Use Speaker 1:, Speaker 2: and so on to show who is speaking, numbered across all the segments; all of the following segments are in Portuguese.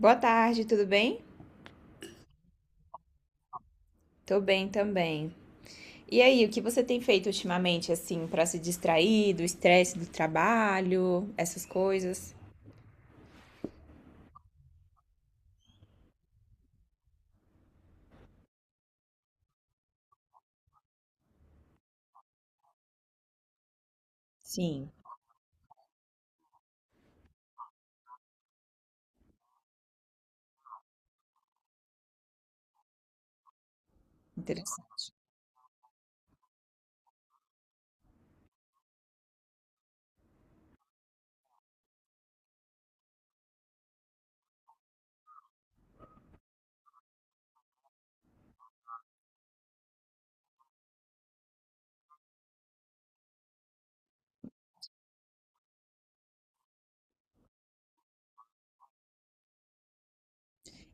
Speaker 1: Boa tarde, tudo bem? Tô bem também. E aí, o que você tem feito ultimamente, assim, pra se distrair do estresse do trabalho, essas coisas? Sim, interessante.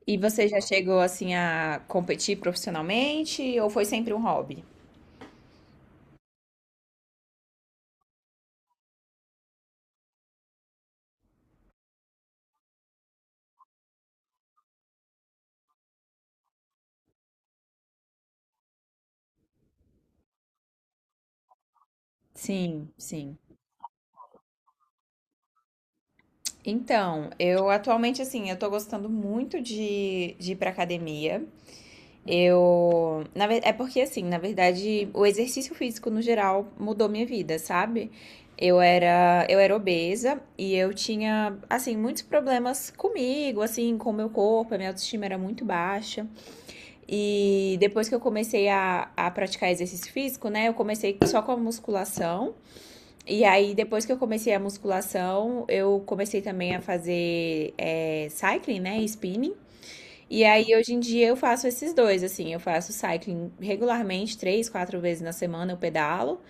Speaker 1: E você já chegou, assim, a competir profissionalmente ou foi sempre um hobby? Sim, sim. Então, eu atualmente, assim, eu tô gostando muito de ir pra academia. Eu. É porque, assim, na verdade, o exercício físico no geral mudou minha vida, sabe? Eu era obesa e eu tinha, assim, muitos problemas comigo, assim, com o meu corpo, a minha autoestima era muito baixa. E depois que eu comecei a praticar exercício físico, né, eu comecei só com a musculação. E aí, depois que eu comecei a musculação, eu comecei também a fazer cycling, né, spinning. E aí, hoje em dia, eu faço esses dois, assim. Eu faço cycling regularmente, três, quatro vezes na semana eu pedalo.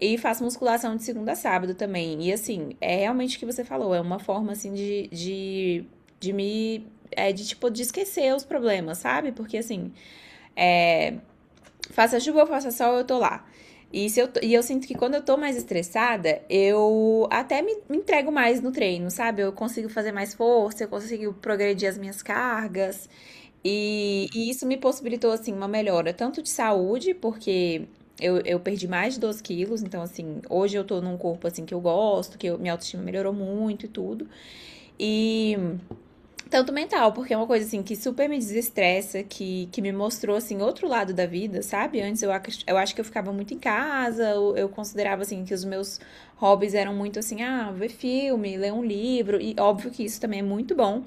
Speaker 1: E faço musculação de segunda a sábado também. E, assim, é realmente o que você falou. É uma forma, assim, de me... É de, tipo, de esquecer os problemas, sabe? Porque, assim, é, faça chuva ou faça sol, eu tô lá. E, se eu, e eu sinto que quando eu tô mais estressada, eu até me entrego mais no treino, sabe? Eu consigo fazer mais força, eu consigo progredir as minhas cargas. E isso me possibilitou, assim, uma melhora tanto de saúde, porque eu perdi mais de 12 quilos, então, assim, hoje eu tô num corpo, assim, que eu gosto, minha autoestima melhorou muito e tudo. E tanto mental, porque é uma coisa assim que super me desestressa, que me mostrou assim outro lado da vida, sabe? Antes eu acho que eu ficava muito em casa, eu considerava assim que os meus hobbies eram muito assim, ah, ver filme, ler um livro, e óbvio que isso também é muito bom,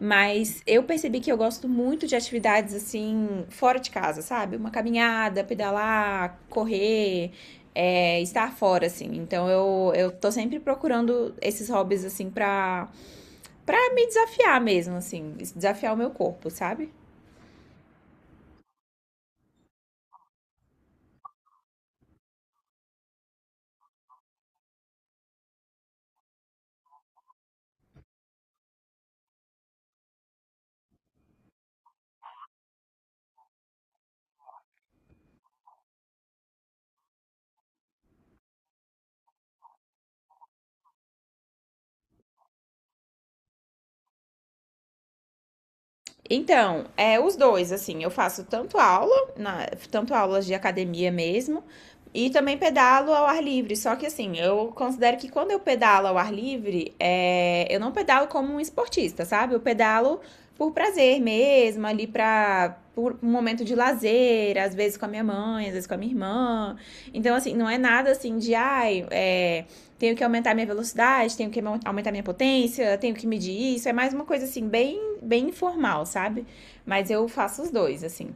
Speaker 1: mas eu percebi que eu gosto muito de atividades assim fora de casa, sabe? Uma caminhada, pedalar, correr, estar fora assim. Então eu tô sempre procurando esses hobbies assim pra pra me desafiar mesmo, assim, desafiar o meu corpo, sabe? Então, é os dois, assim, eu faço tanto aula, tanto aulas de academia mesmo, e também pedalo ao ar livre. Só que assim, eu considero que quando eu pedalo ao ar livre, eu não pedalo como um esportista, sabe? Eu pedalo por prazer mesmo, ali pra por um momento de lazer, às vezes com a minha mãe, às vezes com a minha irmã. Então, assim, não é nada assim de ai, tenho que aumentar minha velocidade, tenho que aumentar minha potência, tenho que medir isso. É mais uma coisa assim, bem informal, sabe? Mas eu faço os dois, assim.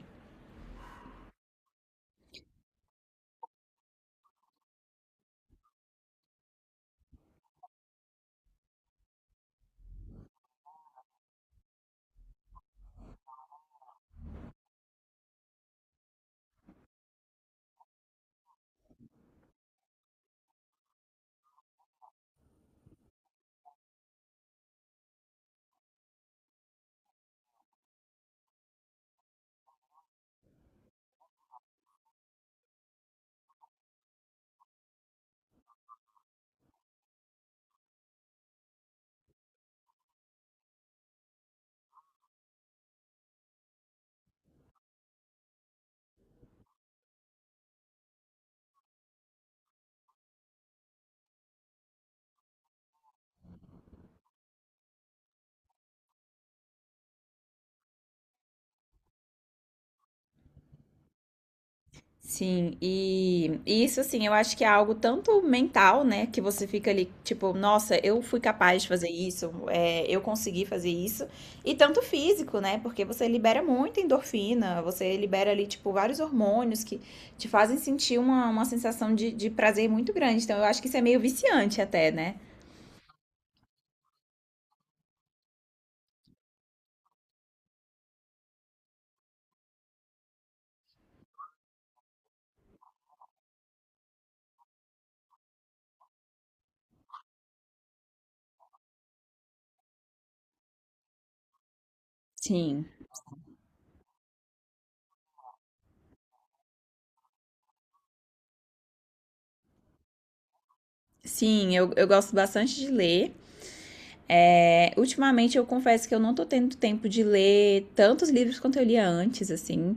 Speaker 1: Sim, e isso assim, eu acho que é algo tanto mental, né? Que você fica ali, tipo, nossa, eu fui capaz de fazer isso, eu consegui fazer isso, e tanto físico, né? Porque você libera muita endorfina, você libera ali, tipo, vários hormônios que te fazem sentir uma sensação de prazer muito grande. Então, eu acho que isso é meio viciante até, né? Sim. Sim, eu gosto bastante de ler. É, ultimamente eu confesso que eu não tô tendo tempo de ler tantos livros quanto eu lia antes, assim.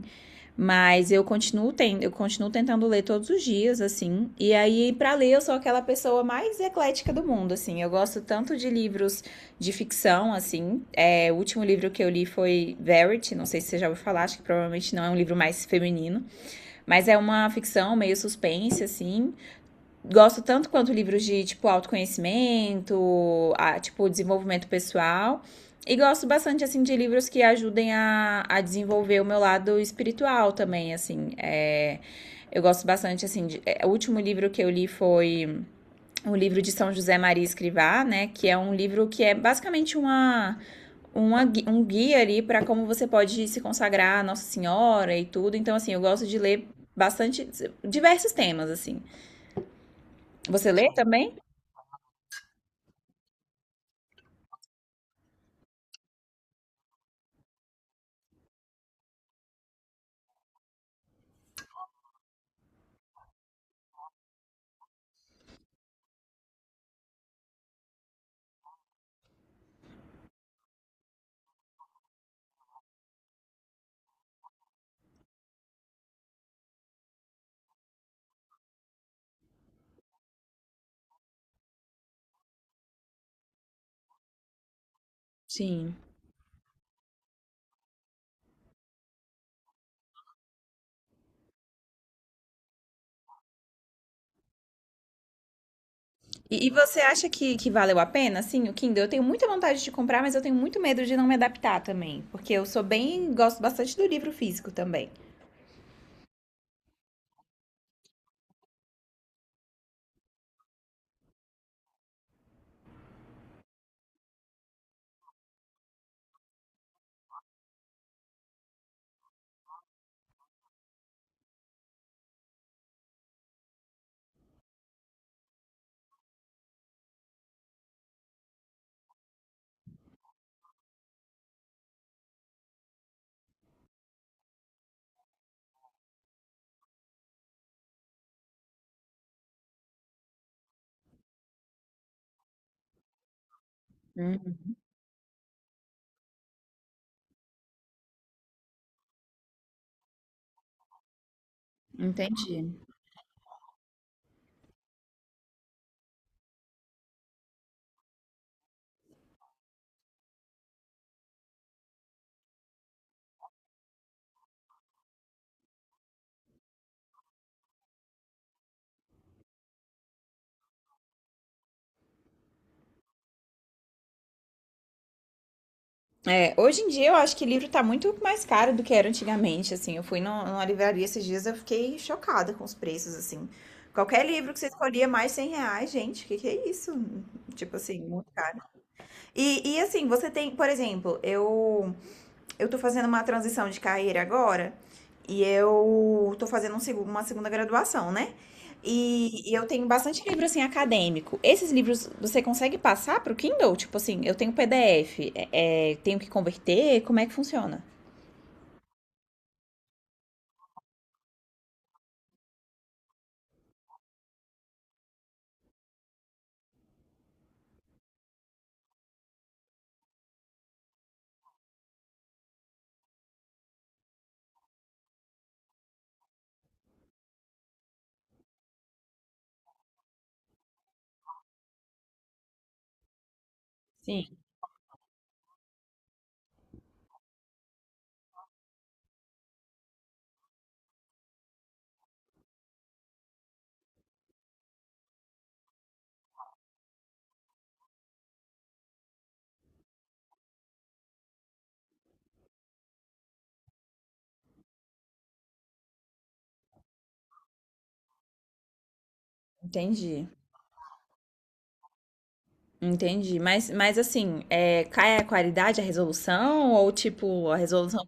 Speaker 1: Mas eu continuo tendo, eu continuo tentando ler todos os dias, assim. E aí, pra ler, eu sou aquela pessoa mais eclética do mundo, assim. Eu gosto tanto de livros de ficção, assim. É, o último livro que eu li foi Verity, não sei se você já ouviu falar, acho que provavelmente não é um livro mais feminino, mas é uma ficção meio suspense, assim. Gosto tanto quanto livros de, tipo, autoconhecimento, a, tipo, desenvolvimento pessoal. E gosto bastante, assim, de livros que ajudem a desenvolver o meu lado espiritual também, assim. É, eu gosto bastante, assim, o último livro que eu li foi um livro de São José Maria Escrivá, né? Que é um livro que é basicamente uma um guia ali para como você pode se consagrar a Nossa Senhora e tudo. Então, assim, eu gosto de ler bastante, diversos temas, assim. Você lê também? Sim. E você acha que valeu a pena? Sim, o Kindle. Eu tenho muita vontade de comprar, mas eu tenho muito medo de não me adaptar também. Porque eu sou bem, gosto bastante do livro físico também. Hum, entendi. É, hoje em dia eu acho que livro tá muito mais caro do que era antigamente, assim. Eu fui no- Numa livraria esses dias, eu fiquei chocada com os preços, assim. Qualquer livro que você escolhia mais 100 reais, gente, o que que é isso? Tipo assim, muito caro. E assim, você tem, por exemplo, eu tô fazendo uma transição de carreira agora e eu tô fazendo uma segunda graduação, né? E eu tenho bastante livro assim acadêmico. Esses livros você consegue passar pro Kindle? Tipo assim, eu tenho PDF, tenho que converter, como é que funciona? Sim, entendi. Entendi. Mas assim, cai a qualidade, a resolução? Ou tipo, a resolução.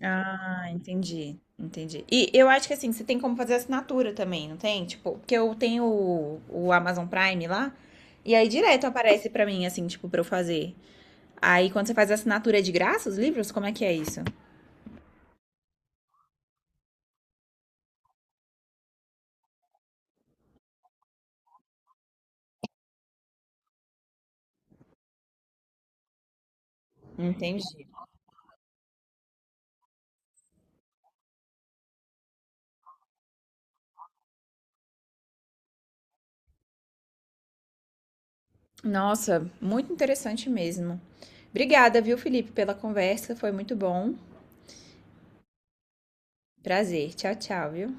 Speaker 1: Ah, entendi, entendi. E eu acho que assim, você tem como fazer assinatura também, não tem? Tipo, porque eu tenho o Amazon Prime lá, e aí direto aparece pra mim, assim, tipo, pra eu fazer. Aí quando você faz a assinatura é de graça os livros? Como é que é isso? Entendi. Nossa, muito interessante mesmo. Obrigada, viu, Felipe, pela conversa, foi muito bom. Prazer. Tchau, tchau, viu?